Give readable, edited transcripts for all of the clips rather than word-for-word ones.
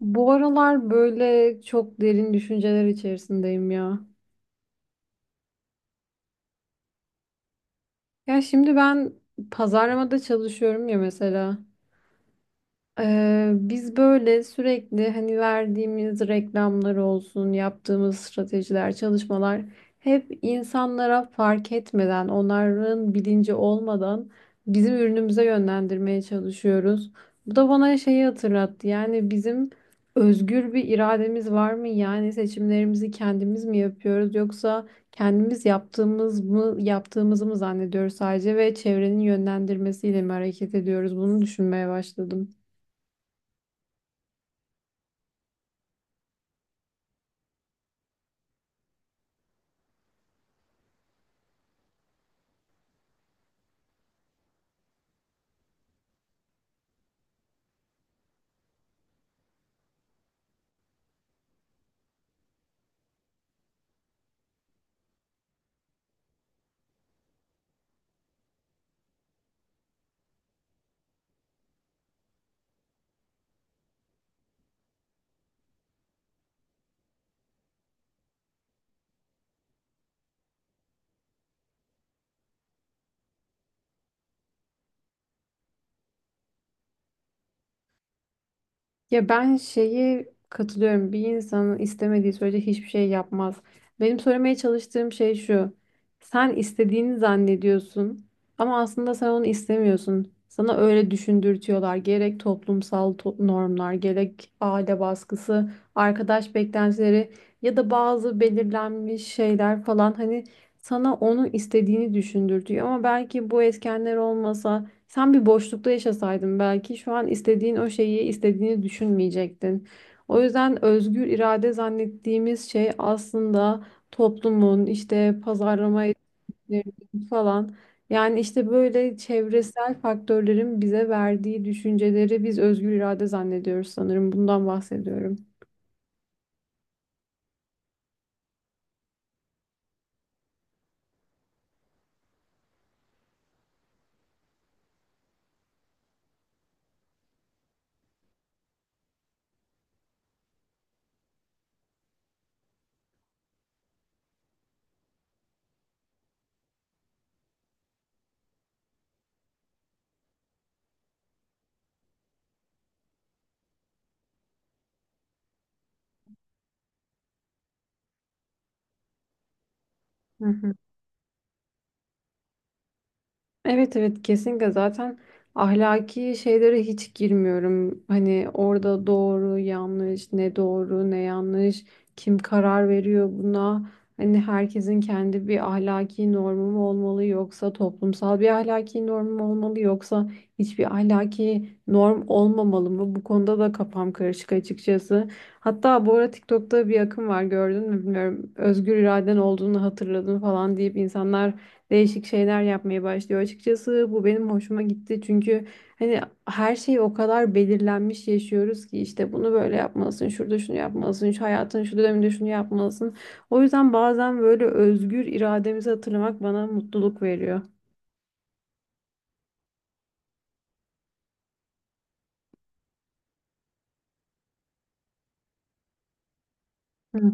Bu aralar böyle çok derin düşünceler içerisindeyim ya. Ya şimdi ben pazarlamada çalışıyorum ya mesela. Biz böyle sürekli hani verdiğimiz reklamlar olsun, yaptığımız stratejiler, çalışmalar hep insanlara fark etmeden, onların bilinci olmadan bizim ürünümüze yönlendirmeye çalışıyoruz. Bu da bana şeyi hatırlattı. Yani bizim özgür bir irademiz var mı? Yani seçimlerimizi kendimiz mi yapıyoruz yoksa kendimiz yaptığımızı mı zannediyoruz sadece ve çevrenin yönlendirmesiyle mi hareket ediyoruz? Bunu düşünmeye başladım. Ya ben şeyi katılıyorum. Bir insanın istemediği sürece hiçbir şey yapmaz. Benim söylemeye çalıştığım şey şu. Sen istediğini zannediyorsun ama aslında sen onu istemiyorsun. Sana öyle düşündürtüyorlar. Gerek toplumsal normlar, gerek aile baskısı, arkadaş beklentileri ya da bazı belirlenmiş şeyler falan hani sana onu istediğini düşündürtüyor. Ama belki bu etkenler olmasa sen bir boşlukta yaşasaydın belki şu an istediğin o şeyi istediğini düşünmeyecektin. O yüzden özgür irade zannettiğimiz şey aslında toplumun işte pazarlama etkilerinin falan yani işte böyle çevresel faktörlerin bize verdiği düşünceleri biz özgür irade zannediyoruz sanırım. Bundan bahsediyorum. Hı hı. Evet, evet, kesinlikle zaten ahlaki şeylere hiç girmiyorum. Hani orada doğru yanlış, ne doğru ne yanlış, kim karar veriyor buna. Hani herkesin kendi bir ahlaki normu mu olmalı yoksa toplumsal bir ahlaki normu mu olmalı yoksa hiçbir ahlaki norm olmamalı mı? Bu konuda da kafam karışık açıkçası. Hatta bu ara TikTok'ta bir akım var, gördün mü bilmiyorum. Özgür iraden olduğunu hatırladım falan deyip insanlar değişik şeyler yapmaya başlıyor. Açıkçası bu benim hoşuma gitti çünkü hani her şey o kadar belirlenmiş yaşıyoruz ki işte bunu böyle yapmalısın, şurada şunu yapmalısın, şu hayatın şu döneminde şunu yapmalısın. O yüzden bazen böyle özgür irademizi hatırlamak bana mutluluk veriyor. Hı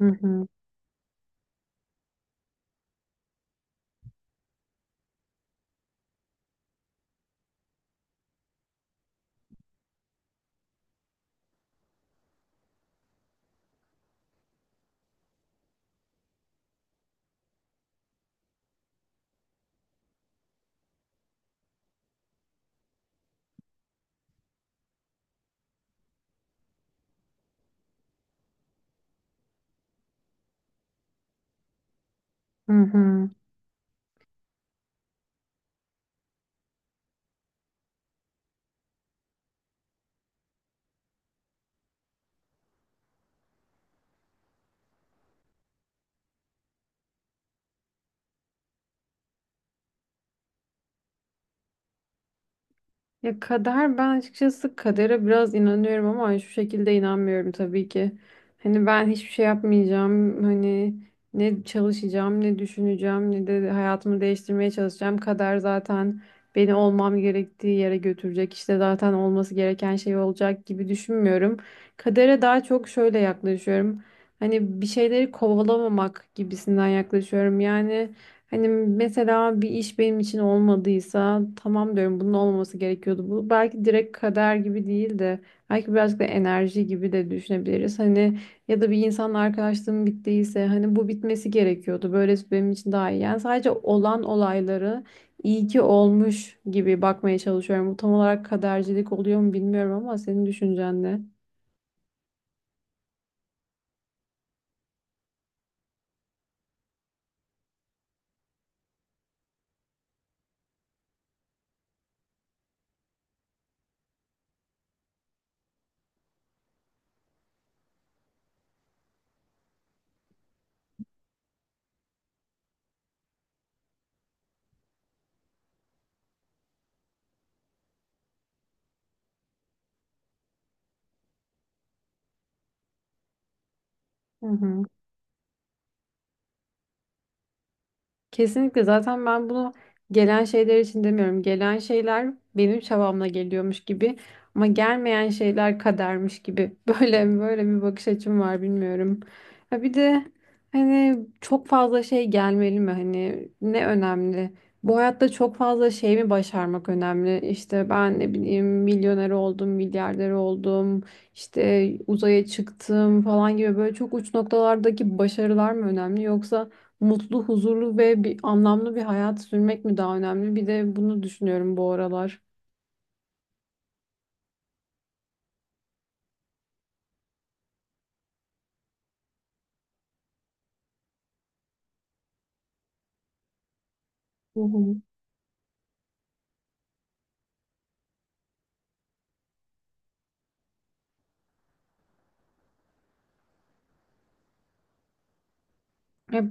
hı hı. Hı hı. Ya kader, ben açıkçası kadere biraz inanıyorum ama şu şekilde inanmıyorum tabii ki. Hani ben hiçbir şey yapmayacağım. Hani ne çalışacağım, ne düşüneceğim, ne de hayatımı değiştirmeye çalışacağım. Kader zaten beni olmam gerektiği yere götürecek. İşte zaten olması gereken şey olacak gibi düşünmüyorum. Kadere daha çok şöyle yaklaşıyorum. Hani bir şeyleri kovalamamak gibisinden yaklaşıyorum. Yani hani mesela bir iş benim için olmadıysa tamam diyorum, bunun olmaması gerekiyordu. Bu belki direkt kader gibi değil de belki birazcık da enerji gibi de düşünebiliriz. Hani ya da bir insanla arkadaşlığım bittiyse hani bu bitmesi gerekiyordu. Böylesi benim için daha iyi. Yani sadece olan olayları iyi ki olmuş gibi bakmaya çalışıyorum. Bu tam olarak kadercilik oluyor mu bilmiyorum, ama senin düşüncen ne? Hı hı. Kesinlikle, zaten ben bunu gelen şeyler için demiyorum. Gelen şeyler benim çabamla geliyormuş gibi, ama gelmeyen şeyler kadermiş gibi. Böyle böyle bir bakış açım var, bilmiyorum. Ha, bir de hani çok fazla şey gelmeli mi? Hani ne önemli? Bu hayatta çok fazla şey mi başarmak önemli? İşte ben ne bileyim, milyoner oldum, milyarder oldum, işte uzaya çıktım falan gibi böyle çok uç noktalardaki başarılar mı önemli yoksa mutlu, huzurlu ve bir anlamlı bir hayat sürmek mi daha önemli? Bir de bunu düşünüyorum bu aralar. Hı hı. Hep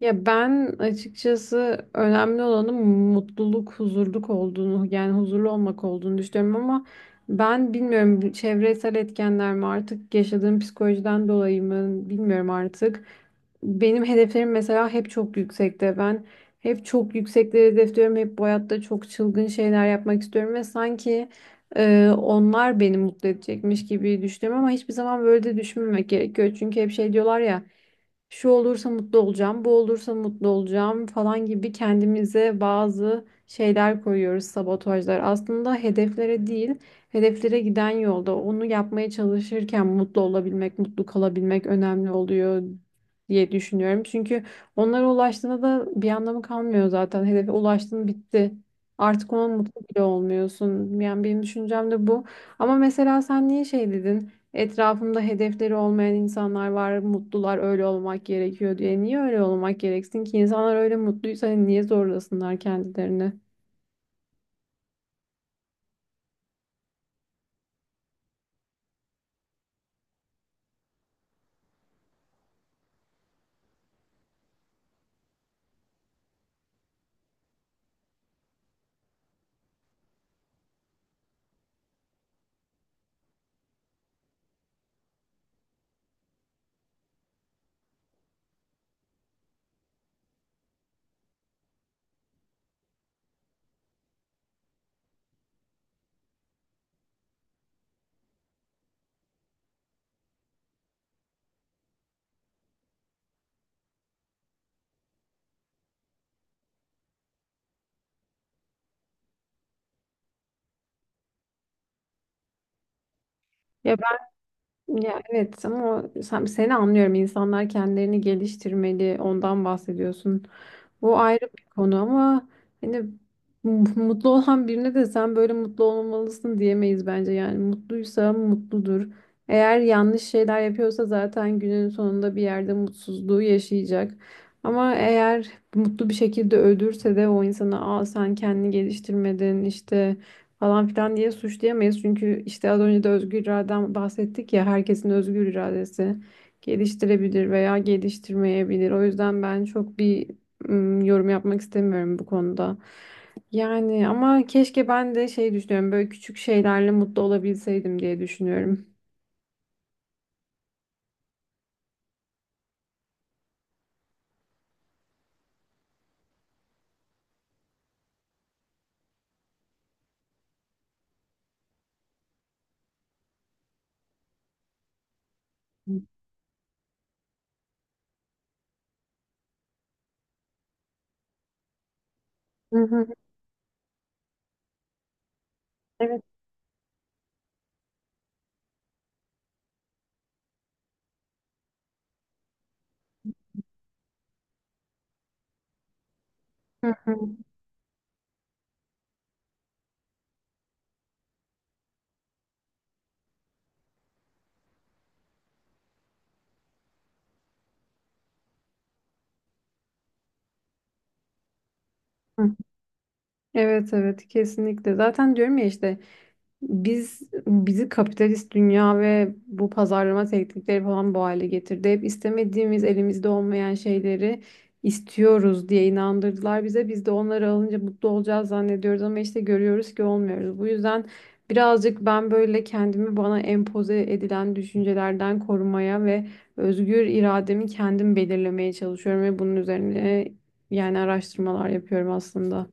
Ya ben açıkçası önemli olanın mutluluk, huzurluk olduğunu, yani huzurlu olmak olduğunu düşünüyorum, ama ben bilmiyorum, bu çevresel etkenler mi artık, yaşadığım psikolojiden dolayı mı bilmiyorum artık. Benim hedeflerim mesela hep çok yüksekte. Ben hep çok yüksekleri hedefliyorum. Hep bu hayatta çok çılgın şeyler yapmak istiyorum ve sanki onlar beni mutlu edecekmiş gibi düşünüyorum, ama hiçbir zaman böyle de düşünmemek gerekiyor. Çünkü hep şey diyorlar ya, şu olursa mutlu olacağım, bu olursa mutlu olacağım falan gibi kendimize bazı şeyler koyuyoruz, sabotajlar. Aslında hedeflere değil, hedeflere giden yolda onu yapmaya çalışırken mutlu olabilmek, mutlu kalabilmek önemli oluyor diye düşünüyorum. Çünkü onlara ulaştığında da bir anlamı kalmıyor zaten. Hedefe ulaştın, bitti. Artık ona mutlu bile olmuyorsun. Yani benim düşüncem de bu. Ama mesela sen niye şey dedin? Etrafımda hedefleri olmayan insanlar var, mutlular, öyle olmak gerekiyor diye. Niye öyle olmak gereksin ki? İnsanlar öyle mutluysa hani niye zorlasınlar kendilerini? Ya Ya, evet ama seni anlıyorum. İnsanlar kendilerini geliştirmeli. Ondan bahsediyorsun. Bu ayrı bir konu ama hani mutlu olan birine de sen böyle mutlu olmalısın diyemeyiz bence. Yani mutluysa mutludur. Eğer yanlış şeyler yapıyorsa zaten günün sonunda bir yerde mutsuzluğu yaşayacak. Ama eğer mutlu bir şekilde ölürse de o insana, aa sen kendini geliştirmedin işte falan filan diye suçlayamayız. Çünkü işte az önce de özgür iraden bahsettik ya, herkesin özgür iradesi geliştirebilir veya geliştirmeyebilir. O yüzden ben çok bir yorum yapmak istemiyorum bu konuda. Yani ama keşke ben de şey düşünüyorum, böyle küçük şeylerle mutlu olabilseydim diye düşünüyorum. Hı hı. Evet. Hı hı. Hı. Evet, evet, kesinlikle. Zaten diyorum ya işte, Biz bizi kapitalist dünya ve bu pazarlama teknikleri falan bu hale getirdi. Hep istemediğimiz, elimizde olmayan şeyleri istiyoruz diye inandırdılar bize. Biz de onları alınca mutlu olacağız zannediyoruz, ama işte görüyoruz ki olmuyoruz. Bu yüzden birazcık ben böyle kendimi bana empoze edilen düşüncelerden korumaya ve özgür irademi kendim belirlemeye çalışıyorum ve bunun üzerine yani araştırmalar yapıyorum aslında.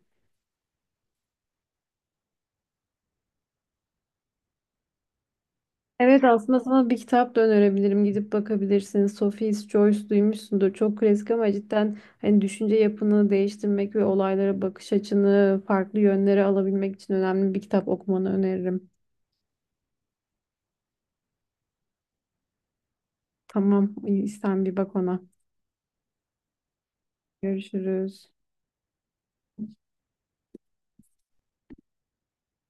Evet, aslında sana bir kitap da önerebilirim. Gidip bakabilirsiniz. Sophie's Choice, duymuşsundur. Çok klasik ama cidden hani düşünce yapını değiştirmek ve olaylara bakış açını farklı yönlere alabilmek için önemli bir kitap, okumanı öneririm. Tamam, iyi, sen bir bak ona. Görüşürüz.